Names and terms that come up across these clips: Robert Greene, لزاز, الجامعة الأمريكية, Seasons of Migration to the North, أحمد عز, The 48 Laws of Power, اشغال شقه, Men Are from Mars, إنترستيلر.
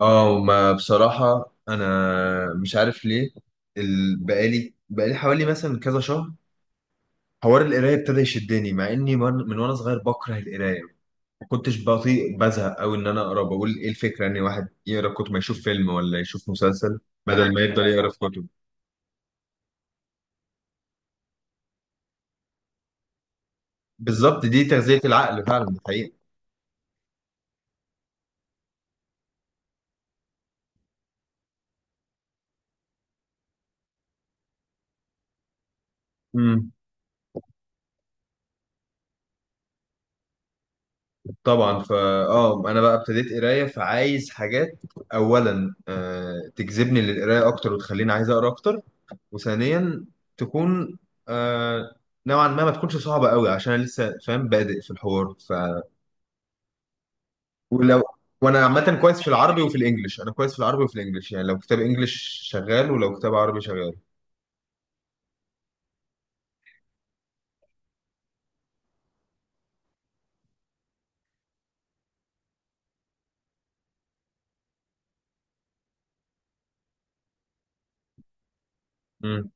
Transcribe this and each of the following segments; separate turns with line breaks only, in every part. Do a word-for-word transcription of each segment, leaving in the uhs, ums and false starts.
اه، ما بصراحة أنا مش عارف ليه. ال- بقالي بقالي حوالي مثلا كذا شهر حوار القراية ابتدى يشدني، مع إني من من وأنا صغير بكره القراية. ما كنتش بطيء بزهق أوي إن أنا أقرأ. بقول إيه الفكرة إن واحد يقرأ كتب، ما يشوف فيلم ولا يشوف مسلسل بدل ما يفضل يقرأ في كتب. بالظبط، دي تغذية العقل فعلا، دي حقيقة. امم طبعا. فا اه انا بقى ابتديت قرايه، فعايز حاجات، اولا آه تجذبني للقرايه اكتر وتخليني عايز اقرا اكتر، وثانيا تكون آه نوعا ما ما تكونش صعبة قوي، عشان انا لسه فاهم بادئ في الحوار. ف ولو، وانا عامة كويس في العربي وفي الانجليش. انا كويس في العربي وفي الانجليش، يعني لو كتاب انجليش شغال، ولو كتاب عربي شغال. امم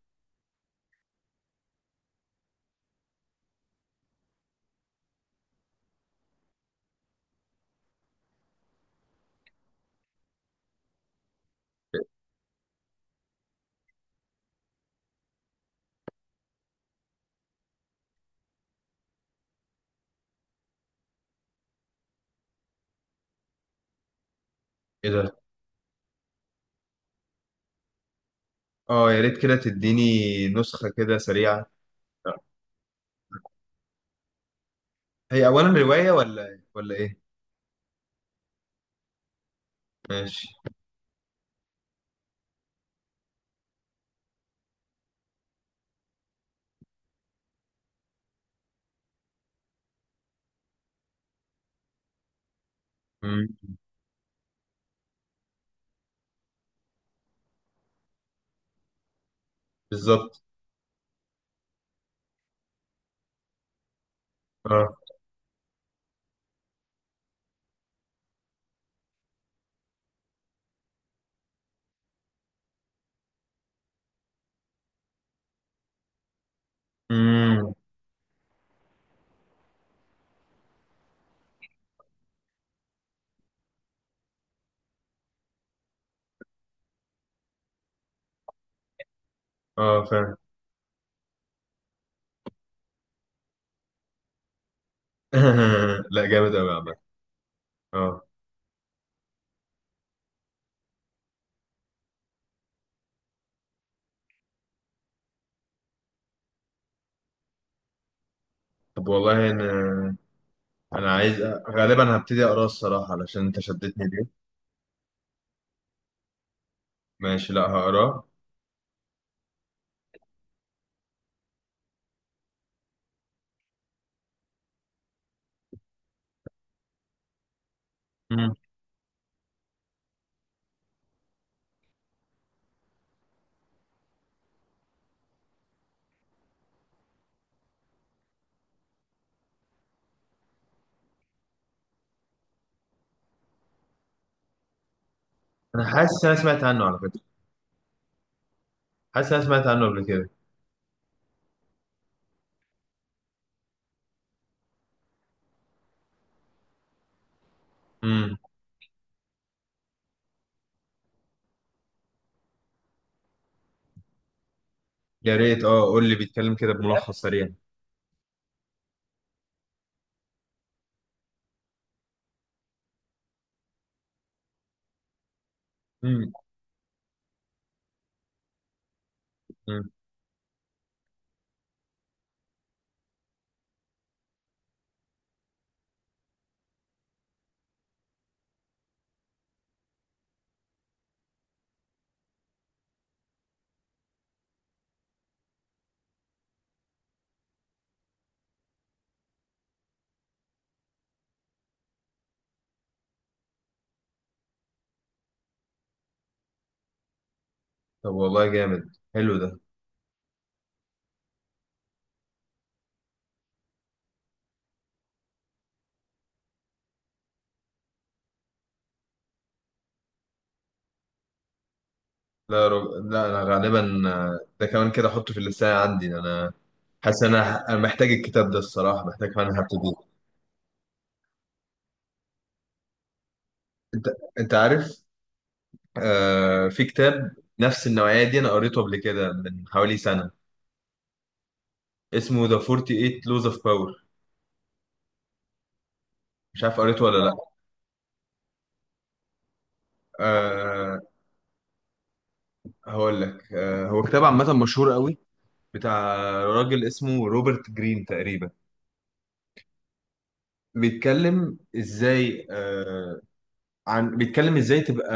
ايه ده؟ اه يا ريت كده تديني نسخة كده سريعة. هي اولا رواية ولا ولا ايه؟ ماشي. امم بالظبط. اه. امم اه فاهم. لا جامد قوي يا عم. اه طب والله انا، انا عايز، غالبا هبتدي اقراه الصراحه، علشان انت شدتني ليه. ماشي، لا هقراه. امم انا حاسس إن انا سمعت عنه على فكره، حاسس إن انا سمعت عنه قبل كده. امم يا ريت، اه قول لي بيتكلم كده بملخص سريع. امم امم طب والله جامد، حلو ده. لا رب... لا انا غالبا آه، ده كمان كده احطه في اللسان عندي. انا حاسس إن انا انا محتاج الكتاب ده الصراحه، محتاج فعلا، هبتدي. انت، انت عارف، آه، في كتاب نفس النوعيه دي انا قريته قبل كده من حوالي سنه، اسمه The فورتي إيت Laws of Power. مش عارف قريته ولا لا. أه هقول لك، أه هو كتاب عامة مشهور قوي، بتاع راجل اسمه روبرت جرين تقريبا. بيتكلم ازاي، أه عن بيتكلم ازاي تبقى،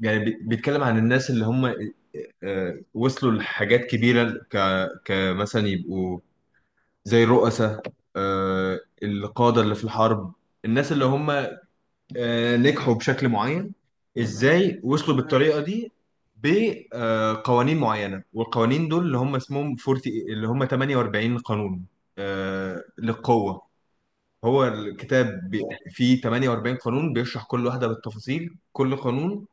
يعني بي- بيتكلم عن الناس اللي هم، أه، وصلوا لحاجات كبيرة، ك كمثلا يبقوا زي الرؤساء، أه، القادة اللي في الحرب، الناس اللي هم، آه، نجحوا بشكل معين. ازاي وصلوا بالطريقه دي؟ بقوانين معينه، والقوانين دول اللي هم اسمهم أربعين، اللي هم ثمانية وأربعين قانون، آه، للقوه. هو الكتاب بي- فيه ثمانية وأربعين قانون، بيشرح كل واحده بالتفاصيل، كل قانون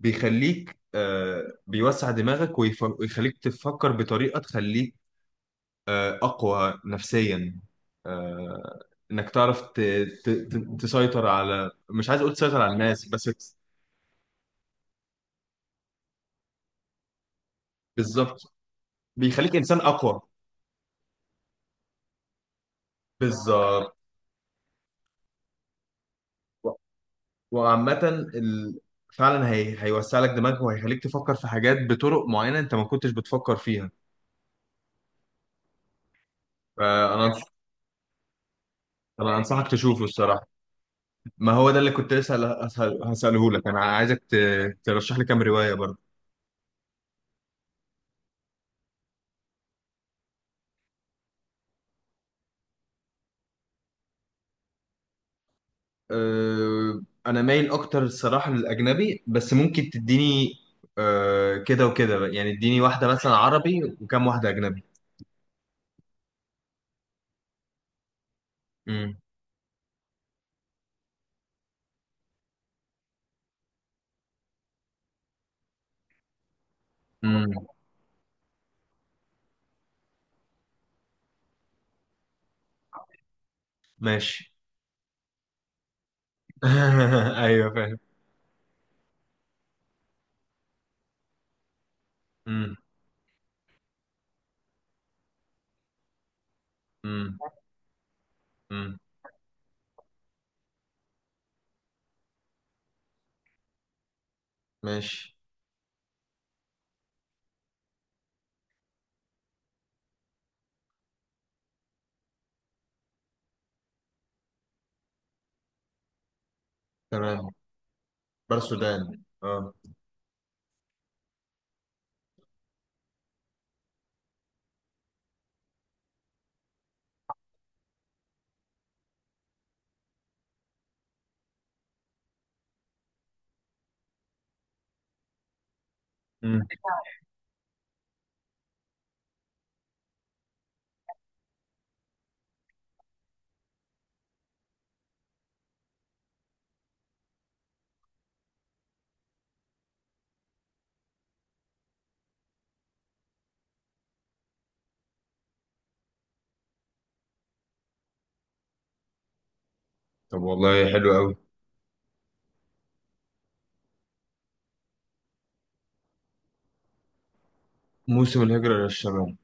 بيخليك، آه، بيوسع دماغك، ويف- ويخليك تفكر بطريقه تخليك آه، اقوى نفسيا، آه، انك تعرف ت- ت- ت- تسيطر على، مش عايز اقول تسيطر على الناس بس. بالظبط، بيخليك انسان اقوى. بالظبط. و- وعامه، ال... فعلا هي... هيوسع لك دماغك وهيخليك تفكر في حاجات بطرق معينه انت ما كنتش بتفكر فيها. فانا، انا انصحك تشوفه الصراحه. ما هو ده اللي كنت لسه هل- هسأل... هساله لك. انا عايزك ت... ترشح لي كام روايه برضه. أه، انا مايل اكتر الصراحه للاجنبي، بس ممكن تديني أه كده وكده بقى. يعني اديني واحده مثلا عربي وكام واحده اجنبي. امم امم ماشي. ايوه فاهم. امم امم ماشي تمام. بارسودان، اه. امم طب والله حلو قوي. موسم الهجرة للشمال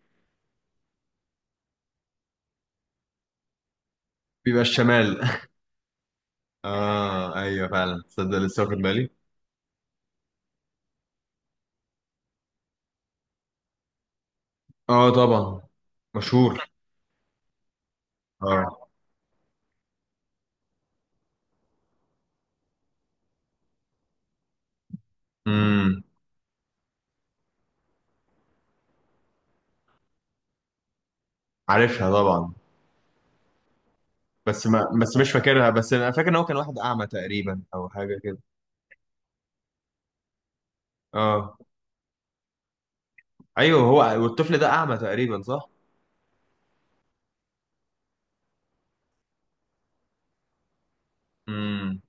بيبقى الشمال. اه ايوه فعلا، تصدق لسه واخد بالي. اه طبعا، مشهور. اه امم عارفها طبعا. بس ما بس مش فاكرها، بس انا فاكر ان هو كان واحد اعمى تقريبا، او حاجه كده. اه ايوه هو، والطفل ده اعمى تقريبا، صح؟ امم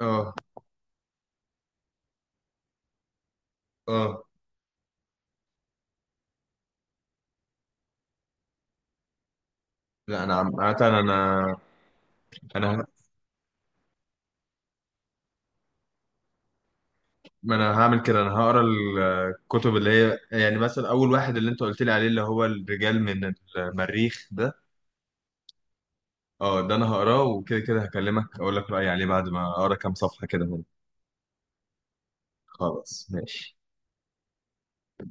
اه. اه لا انا عم... انا انا، ما انا هعمل كده، انا هقرا الكتب اللي هي يعني، مثلا اول واحد اللي انت قلت لي عليه، اللي هو الرجال من المريخ ده. اه ده انا هقراه، وكده كده هكلمك اقول لك رايي عليه بعد ما اقرا كام صفحه كده منه. خلاص ماشي.